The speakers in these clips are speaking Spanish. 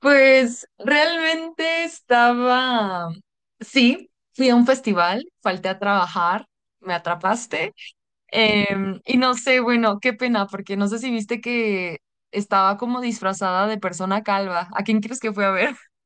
Pues realmente estaba, sí, fui a un festival, falté a trabajar, me atrapaste. Y no sé, bueno, qué pena, porque no sé si viste que estaba como disfrazada de persona calva. ¿A quién crees que fue a ver?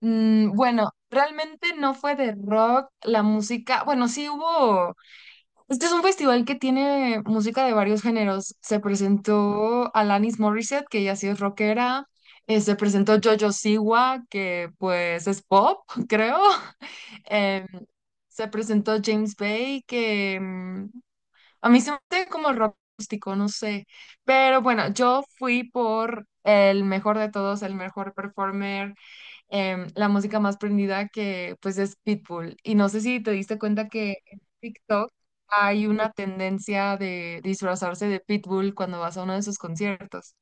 Bueno, realmente no fue de rock, la música, bueno, sí hubo. Este es un festival que tiene música de varios géneros. Se presentó Alanis Morissette, que ya sí es rockera. Se presentó Jojo Siwa, que pues es pop, creo. Em, Se presentó James Bay, que a mí se me hace como rock acústico, no sé. Pero bueno, yo fui por el mejor de todos, el mejor performer, la música más prendida, que pues es Pitbull. Y no sé si te diste cuenta que en TikTok hay una tendencia de disfrazarse de Pitbull cuando vas a uno de sus conciertos.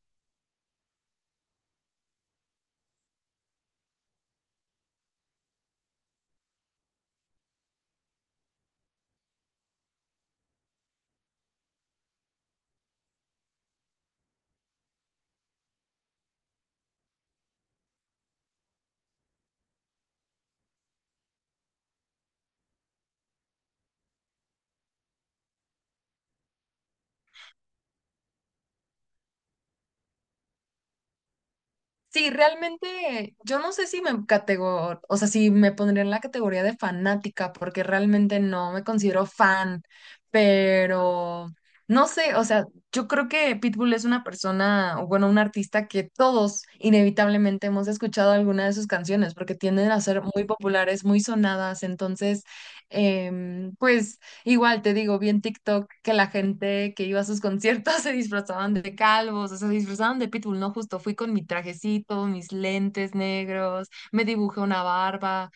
Sí, realmente yo no sé si o sea, si me pondría en la categoría de fanática, porque realmente no me considero fan, pero no sé, o sea, yo creo que Pitbull es una persona, o bueno, un artista que todos inevitablemente hemos escuchado alguna de sus canciones, porque tienden a ser muy populares, muy sonadas. Entonces, pues... Igual te digo, vi en TikTok que la gente que iba a sus conciertos se disfrazaban de calvos, o sea, se disfrazaban de Pitbull, ¿no? Justo fui con mi trajecito, mis lentes negros, me dibujé una barba,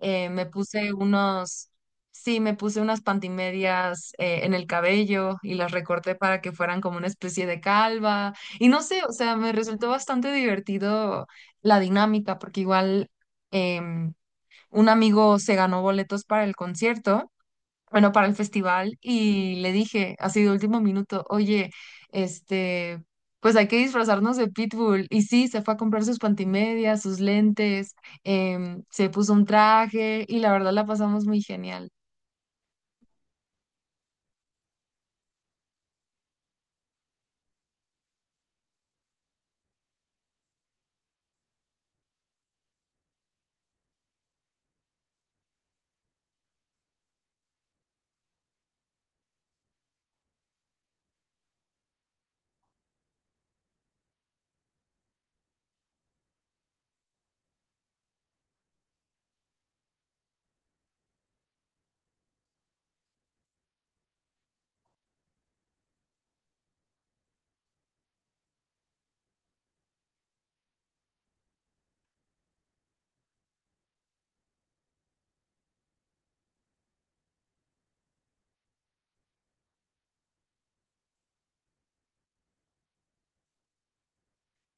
eh, me puse unos, sí, me puse unas pantimedias en el cabello, y las recorté para que fueran como una especie de calva. Y no sé, o sea, me resultó bastante divertido la dinámica, porque igual em, un amigo se ganó boletos para el concierto, bueno, para el festival, y le dije, así de último minuto, oye, este, pues hay que disfrazarnos de Pitbull. Y sí, se fue a comprar sus pantimedias, sus lentes, se puso un traje y la verdad la pasamos muy genial.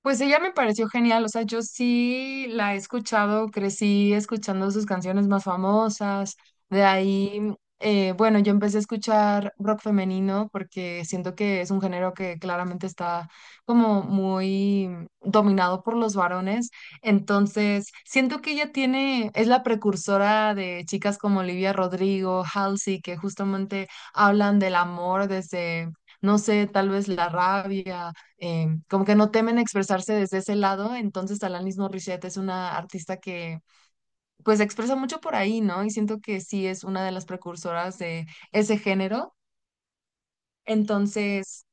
Pues ella me pareció genial, o sea, yo sí la he escuchado, crecí escuchando sus canciones más famosas. De ahí, bueno, yo empecé a escuchar rock femenino porque siento que es un género que claramente está como muy dominado por los varones, entonces siento que ella tiene, es la precursora de chicas como Olivia Rodrigo, Halsey, que justamente hablan del amor desde... No sé, tal vez la rabia, como que no temen expresarse desde ese lado, entonces Alanis Morissette es una artista que pues se expresa mucho por ahí, ¿no? Y siento que sí es una de las precursoras de ese género. Entonces,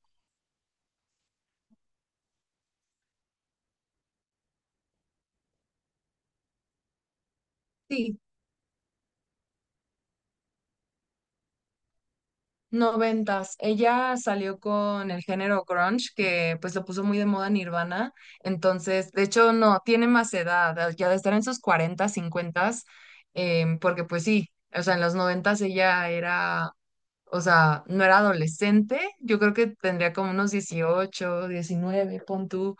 sí, noventas. Ella salió con el género grunge, que pues lo puso muy de moda Nirvana. Entonces, de hecho, no, tiene más edad, ya de estar en sus cuarentas, cincuentas, porque pues sí, o sea, en los noventas ella era, o sea, no era adolescente, yo creo que tendría como unos 18, 19, pon tú.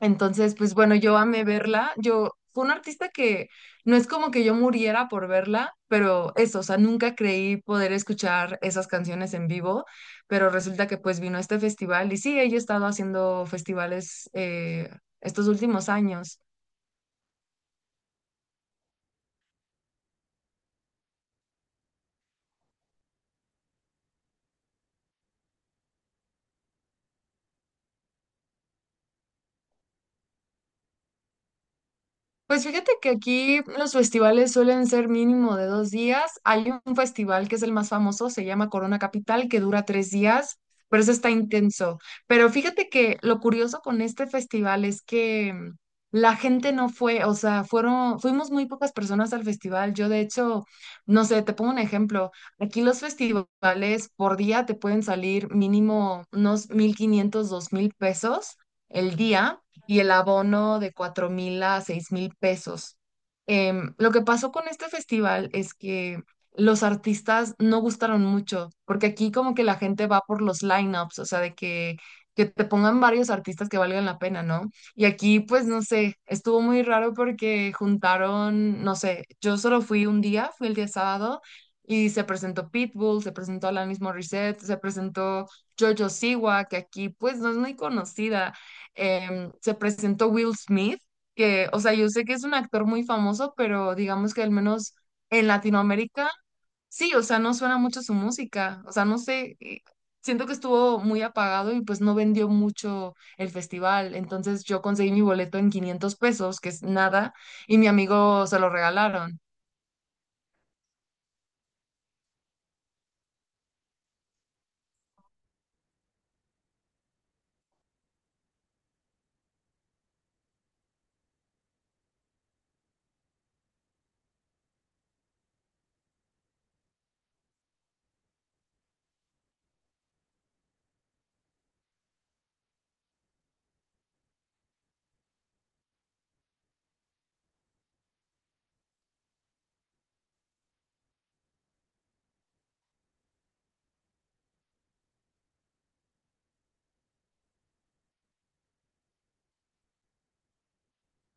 Entonces, pues bueno, yo amé verla, yo fue un artista que no es como que yo muriera por verla, pero eso, o sea, nunca creí poder escuchar esas canciones en vivo, pero resulta que pues vino este festival y sí, ella ha estado haciendo festivales estos últimos años. Pues fíjate que aquí los festivales suelen ser mínimo de 2 días. Hay un festival que es el más famoso, se llama Corona Capital, que dura 3 días, pero eso está intenso. Pero fíjate que lo curioso con este festival es que la gente no fue, o sea, fuimos muy pocas personas al festival. Yo, de hecho, no sé, te pongo un ejemplo. Aquí los festivales por día te pueden salir mínimo unos 1,500, 2,000 pesos el día, y el abono de 4,000 a 6,000 pesos. Lo que pasó con este festival es que los artistas no gustaron mucho, porque aquí como que la gente va por los lineups, o sea, de que te pongan varios artistas que valgan la pena, ¿no? Y aquí, pues, no sé, estuvo muy raro porque juntaron, no sé, yo solo fui un día, fui el día sábado, y se presentó Pitbull, se presentó Alanis Morissette, se presentó Jojo Siwa, que aquí, pues, no es muy conocida. Se presentó Will Smith, que, o sea, yo sé que es un actor muy famoso, pero digamos que al menos en Latinoamérica, sí, o sea, no suena mucho su música, o sea, no sé. Siento que estuvo muy apagado y pues no vendió mucho el festival, entonces yo conseguí mi boleto en 500 pesos, que es nada, y mi amigo se lo regalaron.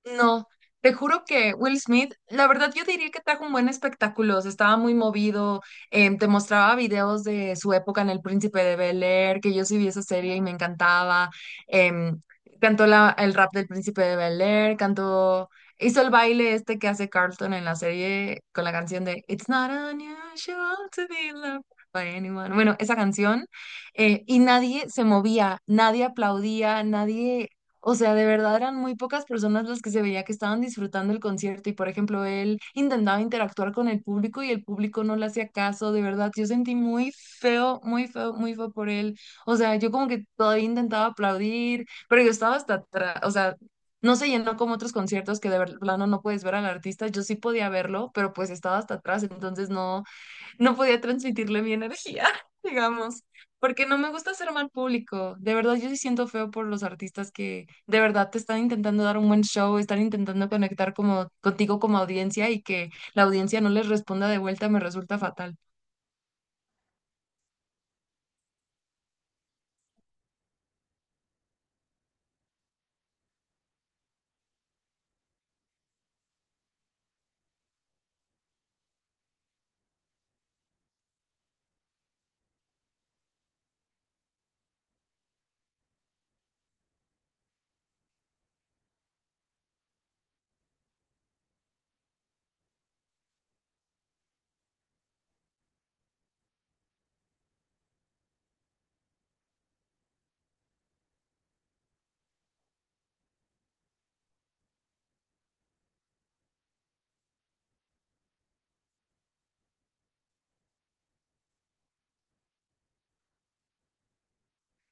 No, te juro que Will Smith, la verdad yo diría que trajo un buen espectáculo, o sea, estaba muy movido. Te mostraba videos de su época en El Príncipe de Bel-Air, que yo sí vi esa serie y me encantaba. em, el rap del Príncipe de Bel-Air, cantó, hizo el baile este que hace Carlton en la serie con la canción de It's not unusual to be loved by anyone. Bueno, esa canción, y nadie se movía, nadie aplaudía, nadie, o sea, de verdad eran muy pocas personas las que se veía que estaban disfrutando el concierto y, por ejemplo, él intentaba interactuar con el público y el público no le hacía caso, de verdad. Yo sentí muy feo, muy feo, muy feo por él. O sea, yo como que todavía intentaba aplaudir, pero yo estaba hasta atrás, o sea, no se llenó como otros conciertos que de ver- plano no puedes ver al artista. Yo sí podía verlo, pero pues estaba hasta atrás, entonces no podía transmitirle mi energía, digamos, porque no me gusta hacer mal público. De verdad, yo sí siento feo por los artistas que de verdad te están intentando dar un buen show, están intentando conectar como contigo como audiencia y que la audiencia no les responda de vuelta, me resulta fatal.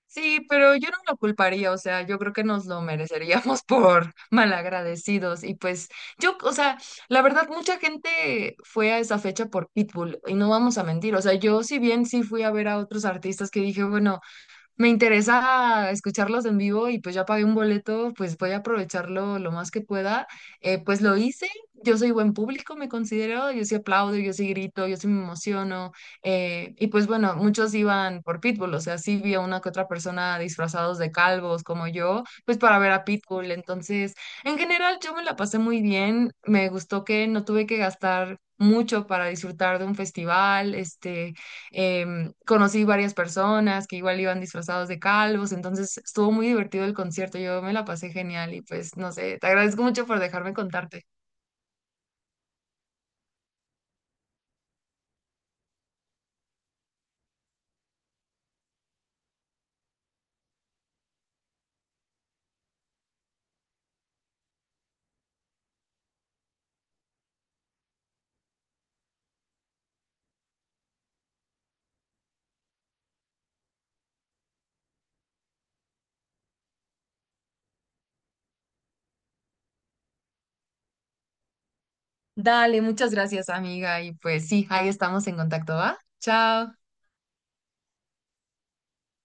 Sí, pero yo no lo culparía, o sea, yo creo que nos lo mereceríamos por malagradecidos y pues yo, o sea, la verdad, mucha gente fue a esa fecha por Pitbull y no vamos a mentir, o sea, yo si bien sí fui a ver a otros artistas, que dije, bueno, me interesa escucharlos en vivo y pues ya pagué un boleto, pues voy a aprovecharlo lo más que pueda. Pues lo hice, yo soy buen público, me considero, yo sí aplaudo, yo sí grito, yo sí me emociono. Y pues bueno, muchos iban por Pitbull, o sea, sí vi a una que otra persona disfrazados de calvos como yo, pues para ver a Pitbull. Entonces, en general yo me la pasé muy bien, me gustó que no tuve que gastar mucho para disfrutar de un festival, este... Conocí varias personas que igual iban disfrazados de calvos, entonces estuvo muy divertido el concierto, yo me la pasé genial y pues no sé, te agradezco mucho por dejarme contarte. Dale, muchas gracias amiga y pues sí, ahí estamos en contacto, ¿va? Chao.